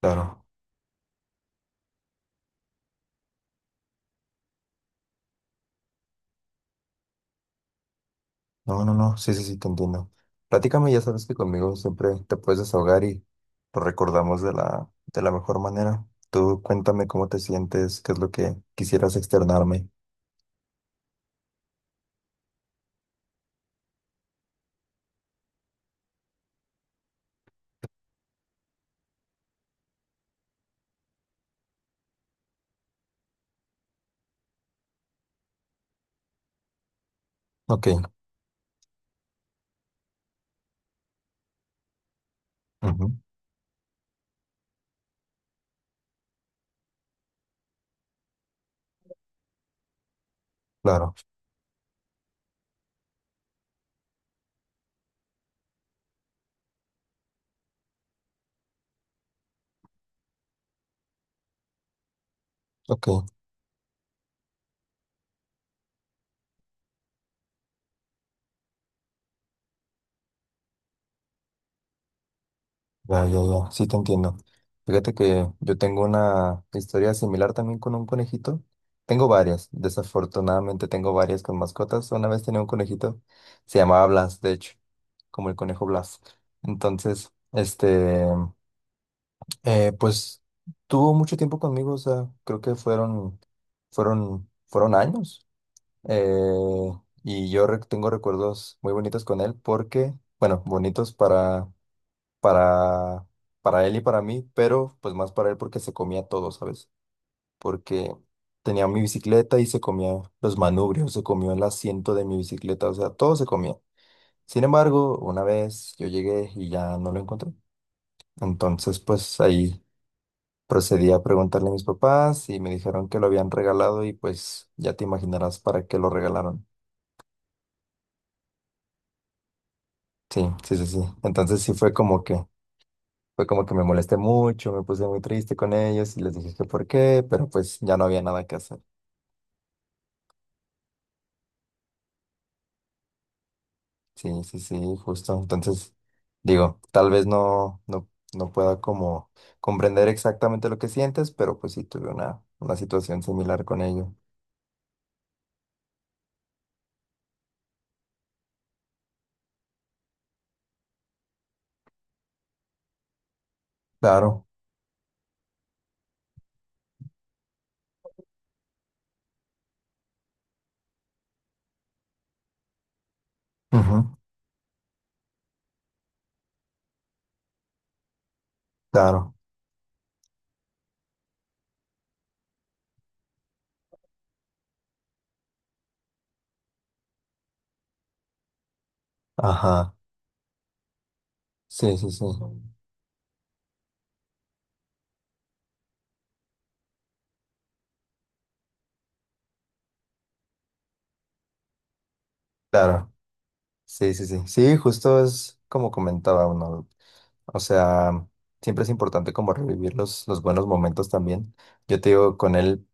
Claro, no, no, no, sí, sí, sí, te entiendo. Platícame, ya sabes que conmigo siempre te puedes desahogar y lo recordamos de la mejor manera. Tú cuéntame cómo te sientes, qué es lo que quisieras externarme. Ok, ujú, claro, ok. Ya, ya, ya, sí te entiendo. Fíjate que yo tengo una historia similar también con un conejito. Tengo varias, desafortunadamente tengo varias con mascotas. Una vez tenía un conejito, se llamaba Blas, de hecho, como el conejo Blas. Entonces, este, pues tuvo mucho tiempo conmigo, o sea, creo que fueron años. Eh, y yo tengo recuerdos muy bonitos con él porque, bueno, bonitos para, para él y para mí, pero pues más para él porque se comía todo, ¿sabes? Porque tenía mi bicicleta y se comía los manubrios, se comió el asiento de mi bicicleta, o sea, todo se comía. Sin embargo, una vez yo llegué y ya no lo encontré. Entonces, pues ahí procedí a preguntarle a mis papás y me dijeron que lo habían regalado y pues ya te imaginarás para qué lo regalaron. Sí, sí, sí, sí. Entonces sí fue como que fue como que me molesté mucho, me puse muy triste con ellos y les dije que por qué, pero pues ya no había nada que hacer. Sí, sí, sí, justo. Entonces, digo, tal vez no pueda como comprender exactamente lo que sientes, pero pues sí tuve una situación similar con ellos. Claro, ujú, claro, ajá, sí, sí, sí, claro, sí, sí, sí, sí, justo es como comentaba uno, o sea, siempre es importante como revivir los buenos momentos también. Yo te digo, con él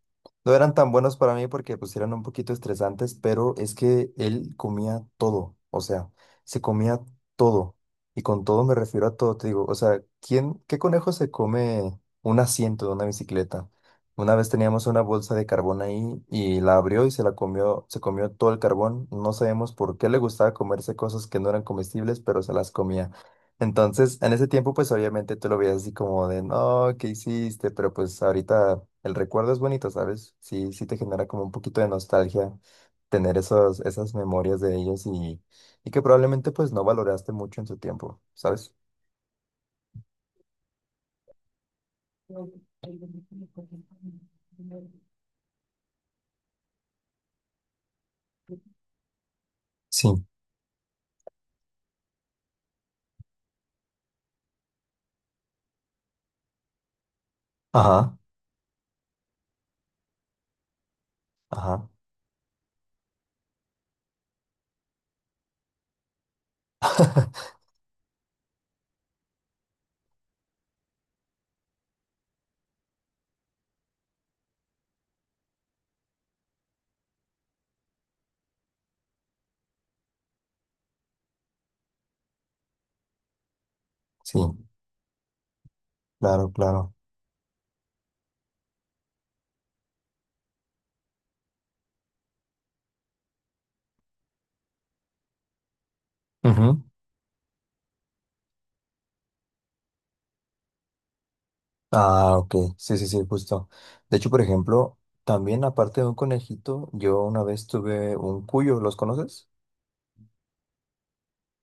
no eran tan buenos para mí porque pues eran un poquito estresantes, pero es que él comía todo, o sea, se comía todo. Y con todo me refiero a todo, te digo, o sea, ¿quién, qué conejo se come un asiento de una bicicleta? Una vez teníamos una bolsa de carbón ahí y la abrió y se la comió, se comió todo el carbón. No sabemos por qué le gustaba comerse cosas que no eran comestibles, pero se las comía. Entonces, en ese tiempo, pues obviamente tú lo veías así como de, no, ¿qué hiciste? Pero pues ahorita el recuerdo es bonito, ¿sabes? Sí, sí te genera como un poquito de nostalgia tener esas memorias de ellos y que probablemente pues no valoraste mucho en su tiempo, ¿sabes? Sí, ajá, ajá. Sí, claro, claro. Ujú. Ah, ok, sí, sí, sí, justo. De hecho, por ejemplo, también aparte de un conejito, yo una vez tuve un cuyo, ¿los conoces?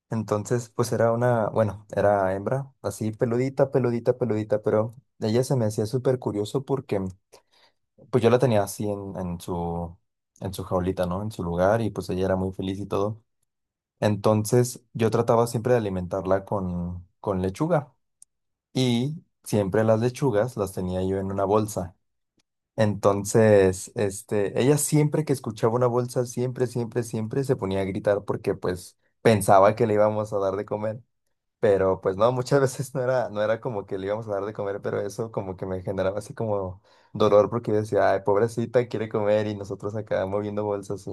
Entonces, pues era una, bueno, era hembra, así peludita, peludita, peludita, pero ella se me hacía súper curioso porque pues yo la tenía así en su jaulita, ¿no? En su lugar y pues ella era muy feliz y todo. Entonces yo trataba siempre de alimentarla con lechuga y siempre las lechugas las tenía yo en una bolsa. Entonces, este, ella siempre que escuchaba una bolsa, siempre, siempre, siempre se ponía a gritar porque pues pensaba que le íbamos a dar de comer. Pero pues no, muchas veces no era como que le íbamos a dar de comer, pero eso como que me generaba así como dolor porque yo decía, ay, pobrecita, quiere comer y nosotros acá moviendo bolsas y,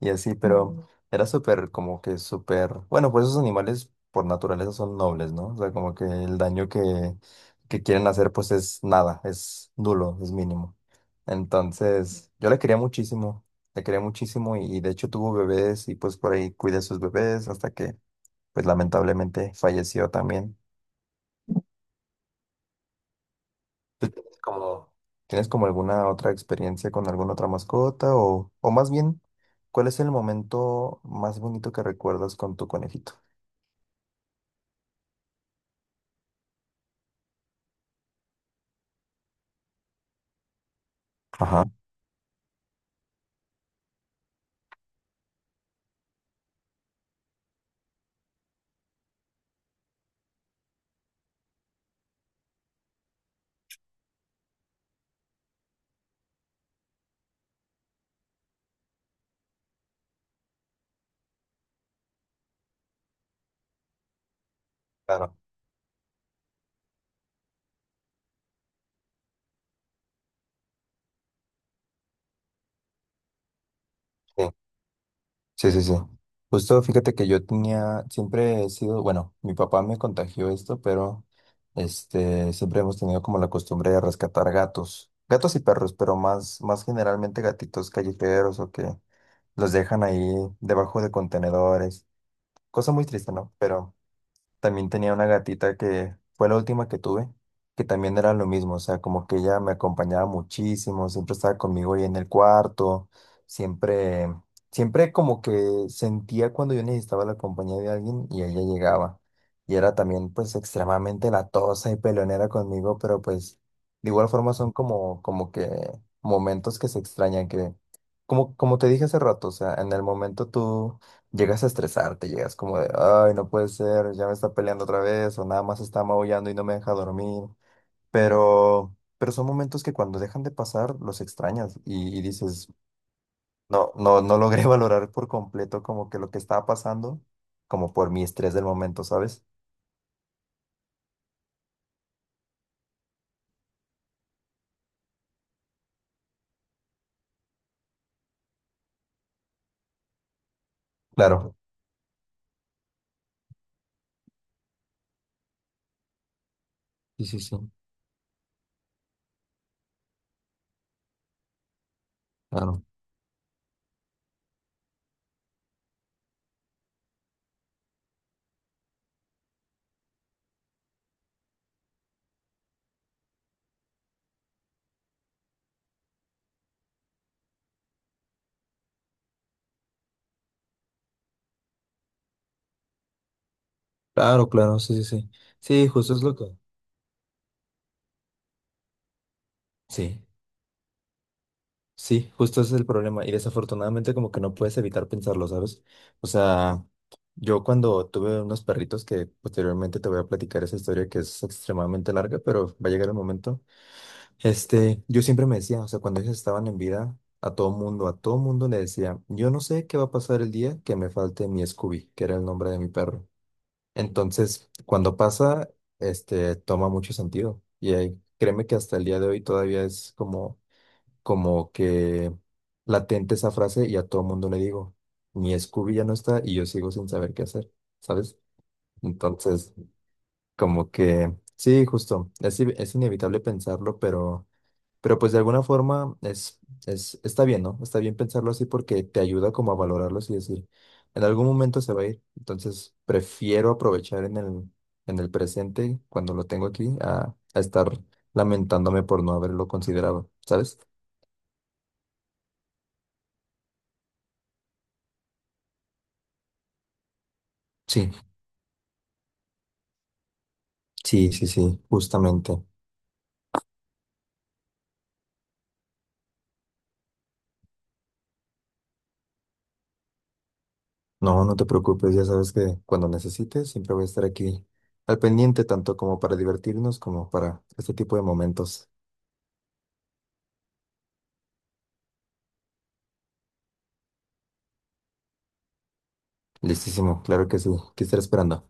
y así, pero era súper como que súper, bueno, pues esos animales por naturaleza son nobles, ¿no? O sea, como que el daño que quieren hacer pues es nada, es nulo, es mínimo. Entonces, yo le quería muchísimo y de hecho tuvo bebés y pues por ahí cuidé a sus bebés hasta que pues lamentablemente falleció también. ¿Tú tienes como alguna otra experiencia con alguna otra mascota? O más bien, ¿cuál es el momento más bonito que recuerdas con tu conejito? Ajá, claro. Sí, sí, sí. Sí. Justo fíjate que yo tenía, siempre he sido, bueno, mi papá me contagió esto, pero este, siempre hemos tenido como la costumbre de rescatar gatos, gatos y perros, pero más, más generalmente gatitos callejeros o que los dejan ahí debajo de contenedores. Cosa muy triste, ¿no? Pero también tenía una gatita que fue la última que tuve, que también era lo mismo, o sea, como que ella me acompañaba muchísimo, siempre estaba conmigo ahí en el cuarto, siempre, siempre como que sentía cuando yo necesitaba la compañía de alguien y ella llegaba. Y era también pues extremadamente latosa y peleonera conmigo, pero pues de igual forma son como, como que momentos que se extrañan, que como, como te dije hace rato, o sea, en el momento tú llegas a estresarte, llegas como de, ay, no puede ser, ya me está peleando otra vez, o nada más está maullando y no me deja dormir. Pero son momentos que cuando dejan de pasar los extrañas y dices, no, no, no logré valorar por completo como que lo que estaba pasando, como por mi estrés del momento, ¿sabes? Claro, sí, sí, sí, claro, claro, claro, sí, sí, sí. Sí, justo es lo que, sí. Sí, justo ese es el problema. Y desafortunadamente como que no puedes evitar pensarlo, ¿sabes? O sea, yo cuando tuve unos perritos que posteriormente te voy a platicar esa historia que es extremadamente larga, pero va a llegar el momento. Este, yo siempre me decía, o sea, cuando ellos estaban en vida, a todo mundo le decía, yo no sé qué va a pasar el día que me falte mi Scooby, que era el nombre de mi perro. Entonces, cuando pasa, este, toma mucho sentido. Y ahí, créeme que hasta el día de hoy todavía es como como que latente esa frase y a todo mundo le digo, mi Scooby ya no está y yo sigo sin saber qué hacer, ¿sabes? Entonces, como que, sí, justo, es inevitable pensarlo, pero pues de alguna forma es, está bien, ¿no? Está bien pensarlo así porque te ayuda como a valorarlos y decir, en algún momento se va a ir, entonces prefiero aprovechar en el presente, cuando lo tengo aquí, a estar lamentándome por no haberlo considerado, ¿sabes? Sí. Sí, sí, sí, justamente. No, no te preocupes, ya sabes que cuando necesites siempre voy a estar aquí al pendiente, tanto como para divertirnos como para este tipo de momentos. Listísimo, claro que sí, que estaré esperando.